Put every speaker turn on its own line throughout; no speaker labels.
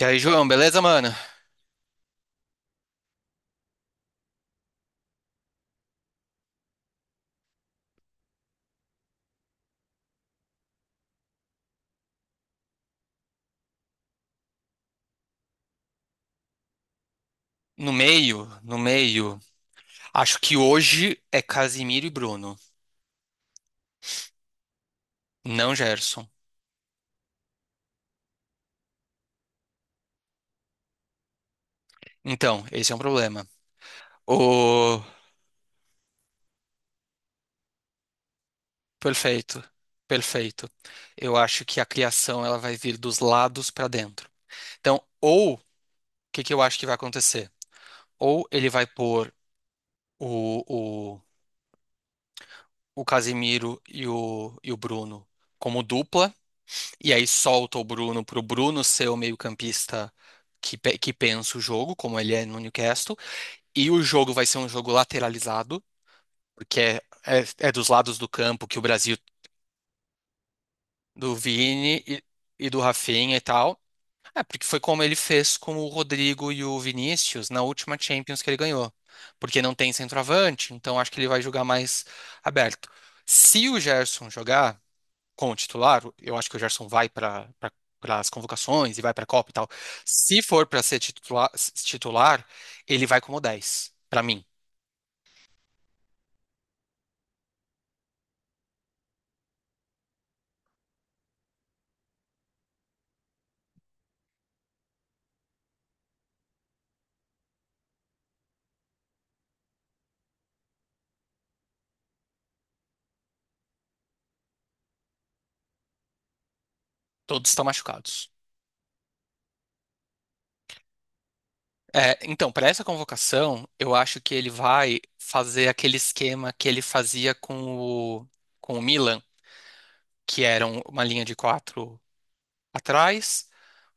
E aí, João, beleza, mano? No meio, no meio. Acho que hoje é Casimiro e Bruno, não Gerson. Então, esse é um problema. O perfeito, perfeito. Eu acho que a criação ela vai vir dos lados pra dentro. Então, ou o que que eu acho que vai acontecer? Ou ele vai pôr o, o, o Casimiro e o Bruno como dupla. E aí solta o Bruno pro Bruno ser o meio-campista que, que pensa o jogo, como ele é no Newcastle. E o jogo vai ser um jogo lateralizado, porque é dos lados do campo que o Brasil, do Vini e do Rafinha e tal. É, porque foi como ele fez com o Rodrigo e o Vinícius na última Champions que ele ganhou. Porque não tem centroavante, então acho que ele vai jogar mais aberto. Se o Gerson jogar como titular, eu acho que o Gerson vai para para as convocações e vai para a Copa e tal. Se for para ser titular, titular, ele vai como dez para mim. Todos estão machucados. É, então, para essa convocação, eu acho que ele vai fazer aquele esquema que ele fazia com o, com o Milan, que era uma linha de quatro atrás,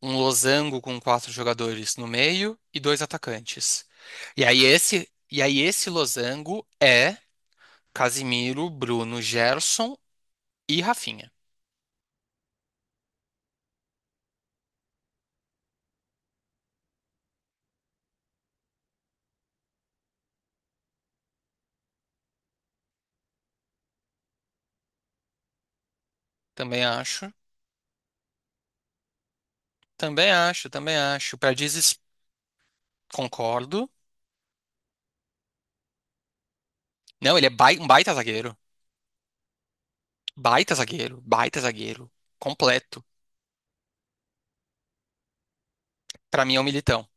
um losango com quatro jogadores no meio e dois atacantes. E aí esse losango é Casimiro, Bruno, Gerson e Rafinha. Também acho. Também acho, também acho. Perdizes, concordo. Não, ele é um baita zagueiro. Baita zagueiro, baita zagueiro. Completo. Pra mim é um militão.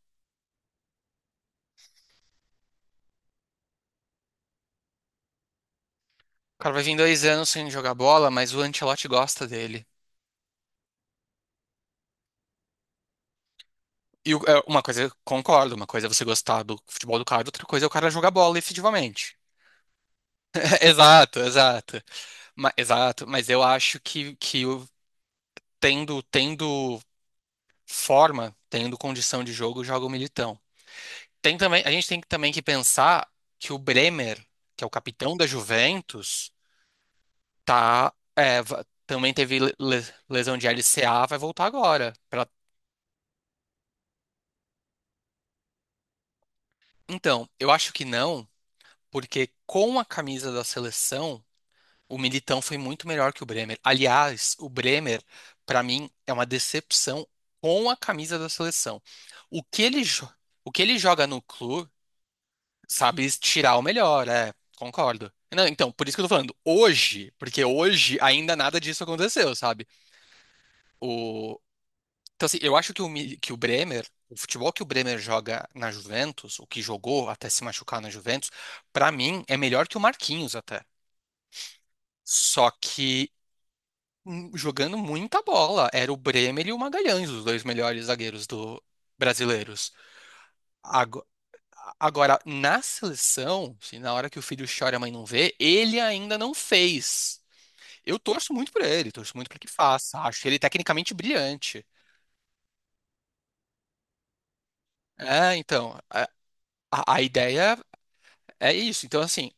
O cara vai vir dois anos sem jogar bola, mas o Ancelotti gosta dele. É, uma coisa, eu concordo, uma coisa é você gostar do futebol do cara, outra coisa é o cara jogar bola efetivamente. Exato, exato. Exato, mas eu acho que, tendo, tendo forma, tendo condição de jogo, joga o Militão. Tem também, a gente tem também que pensar que o Bremer, que é o capitão da Juventus, tá, é, também teve lesão de LCA, vai voltar agora. Então, eu acho que não, porque com a camisa da seleção, o Militão foi muito melhor que o Bremer. Aliás, o Bremer, pra mim, é uma decepção com a camisa da seleção. O que o que ele joga no clube, sabe tirar o melhor, é, concordo. Não, então, por isso que eu tô falando hoje, porque hoje ainda nada disso aconteceu, sabe? O... Então, assim, eu acho que que o Bremer, o futebol que o Bremer joga na Juventus, o que jogou até se machucar na Juventus, pra mim é melhor que o Marquinhos até. Só que jogando muita bola, era o Bremer e o Magalhães, os dois melhores zagueiros do brasileiros. Agora, na seleção, se na hora que o filho chora e a mãe não vê, ele ainda não fez. Eu torço muito por ele, torço muito para que faça. Acho ele tecnicamente brilhante. É, então, a ideia é isso. Então, assim,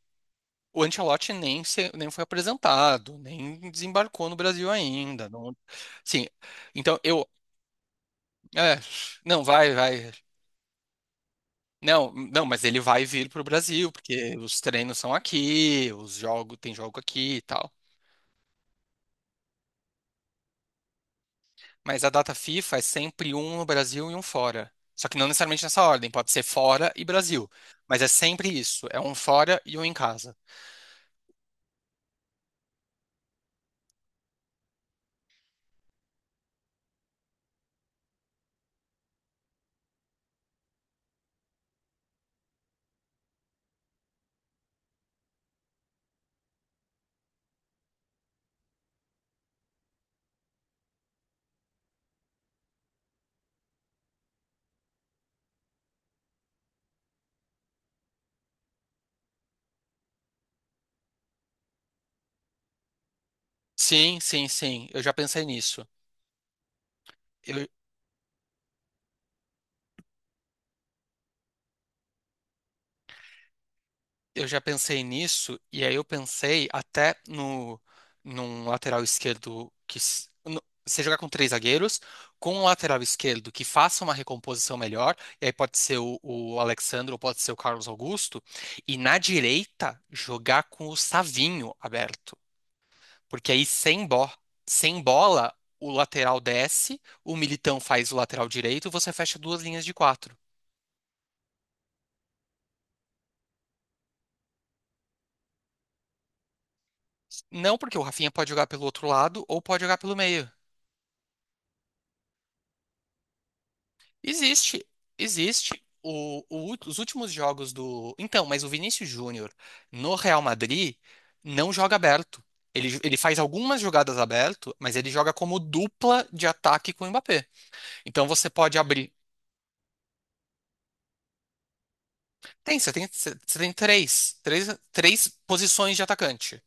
o Ancelotti nem, nem foi apresentado, nem desembarcou no Brasil ainda. Não, sim, então eu. É, não, vai, vai. Não, não, mas ele vai vir para o Brasil, porque os treinos são aqui, os jogos, tem jogo aqui e tal. Mas a data FIFA é sempre um no Brasil e um fora. Só que não necessariamente nessa ordem, pode ser fora e Brasil. Mas é sempre isso, é um fora e um em casa. Sim, sim, sim, eu já pensei nisso. Eu, eu já pensei nisso, e aí eu pensei até no, num lateral esquerdo que. Você jogar com três zagueiros, com um lateral esquerdo que faça uma recomposição melhor, e aí pode ser o Alexandre ou pode ser o Carlos Augusto, e na direita jogar com o Savinho aberto. Porque aí sem bola, o lateral desce, o Militão faz o lateral direito, você fecha duas linhas de quatro. Não porque o Rafinha pode jogar pelo outro lado ou pode jogar pelo meio. Existe, existe. Os últimos jogos do. Então, mas o Vinícius Júnior no Real Madrid não joga aberto. Ele faz algumas jogadas aberto, mas ele joga como dupla de ataque com o Mbappé. Então você pode abrir. Tem, você tem, você tem três posições de atacante.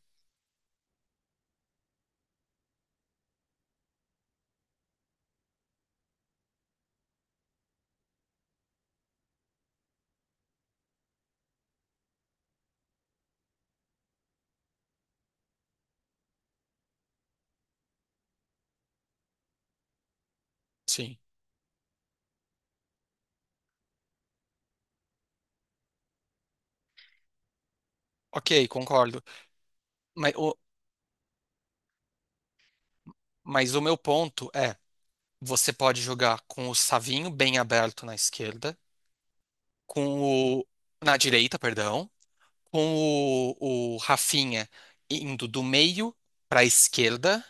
Sim. Ok, concordo. Mas o, mas o meu ponto é, você pode jogar com o Savinho bem aberto na esquerda, com o, na direita, perdão, o Rafinha indo do meio para a esquerda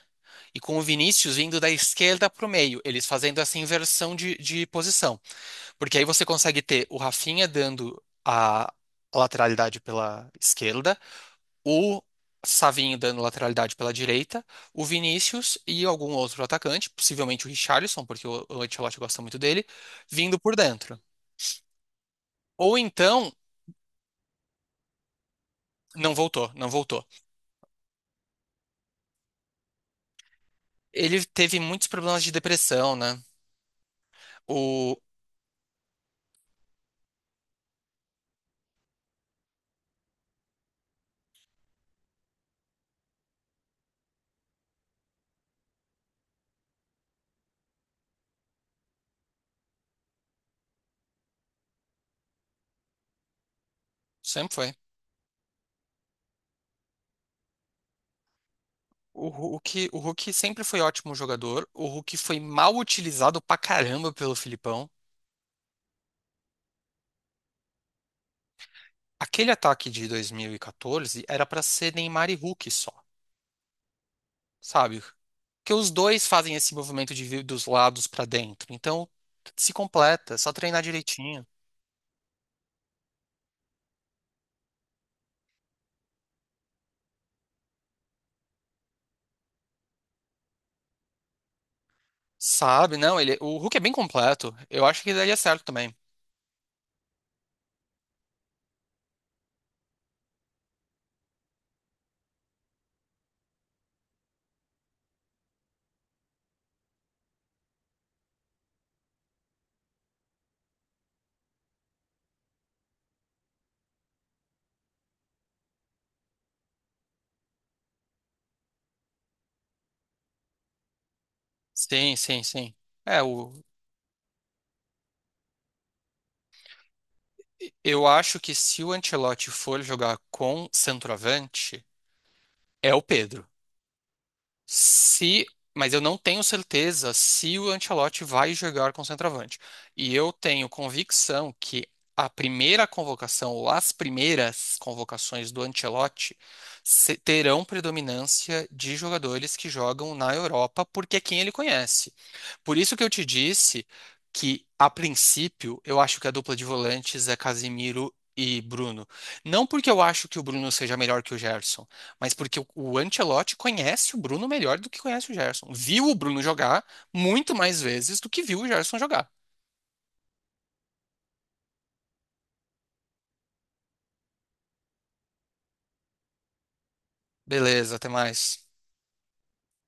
e com o Vinícius vindo da esquerda para o meio, eles fazendo essa inversão de posição. Porque aí você consegue ter o Rafinha dando a lateralidade pela esquerda, o Savinho dando lateralidade pela direita, o Vinícius e algum outro atacante, possivelmente o Richarlison, porque o Ancelotti gosta muito dele, vindo por dentro. Ou então, não voltou, não voltou. Ele teve muitos problemas de depressão, né? O sempre foi. O Hulk sempre foi ótimo jogador. O Hulk foi mal utilizado pra caramba pelo Filipão. Aquele ataque de 2014 era pra ser Neymar e Hulk só. Sabe? Porque os dois fazem esse movimento de vir dos lados pra dentro. Então, se completa, é só treinar direitinho. Sabe? Não, ele, o Hulk é bem completo. Eu acho que daria certo também. Sim, sim, sim. É, o, eu acho que se o Ancelotti for jogar com centroavante, é o Pedro. Se, mas eu não tenho certeza se o Ancelotti vai jogar com centroavante. E eu tenho convicção que a primeira convocação ou as primeiras convocações do Ancelotti terão predominância de jogadores que jogam na Europa, porque é quem ele conhece. Por isso que eu te disse que, a princípio, eu acho que a dupla de volantes é Casimiro e Bruno. Não porque eu acho que o Bruno seja melhor que o Gerson, mas porque o Ancelotti conhece o Bruno melhor do que conhece o Gerson. Viu o Bruno jogar muito mais vezes do que viu o Gerson jogar. Beleza, até mais.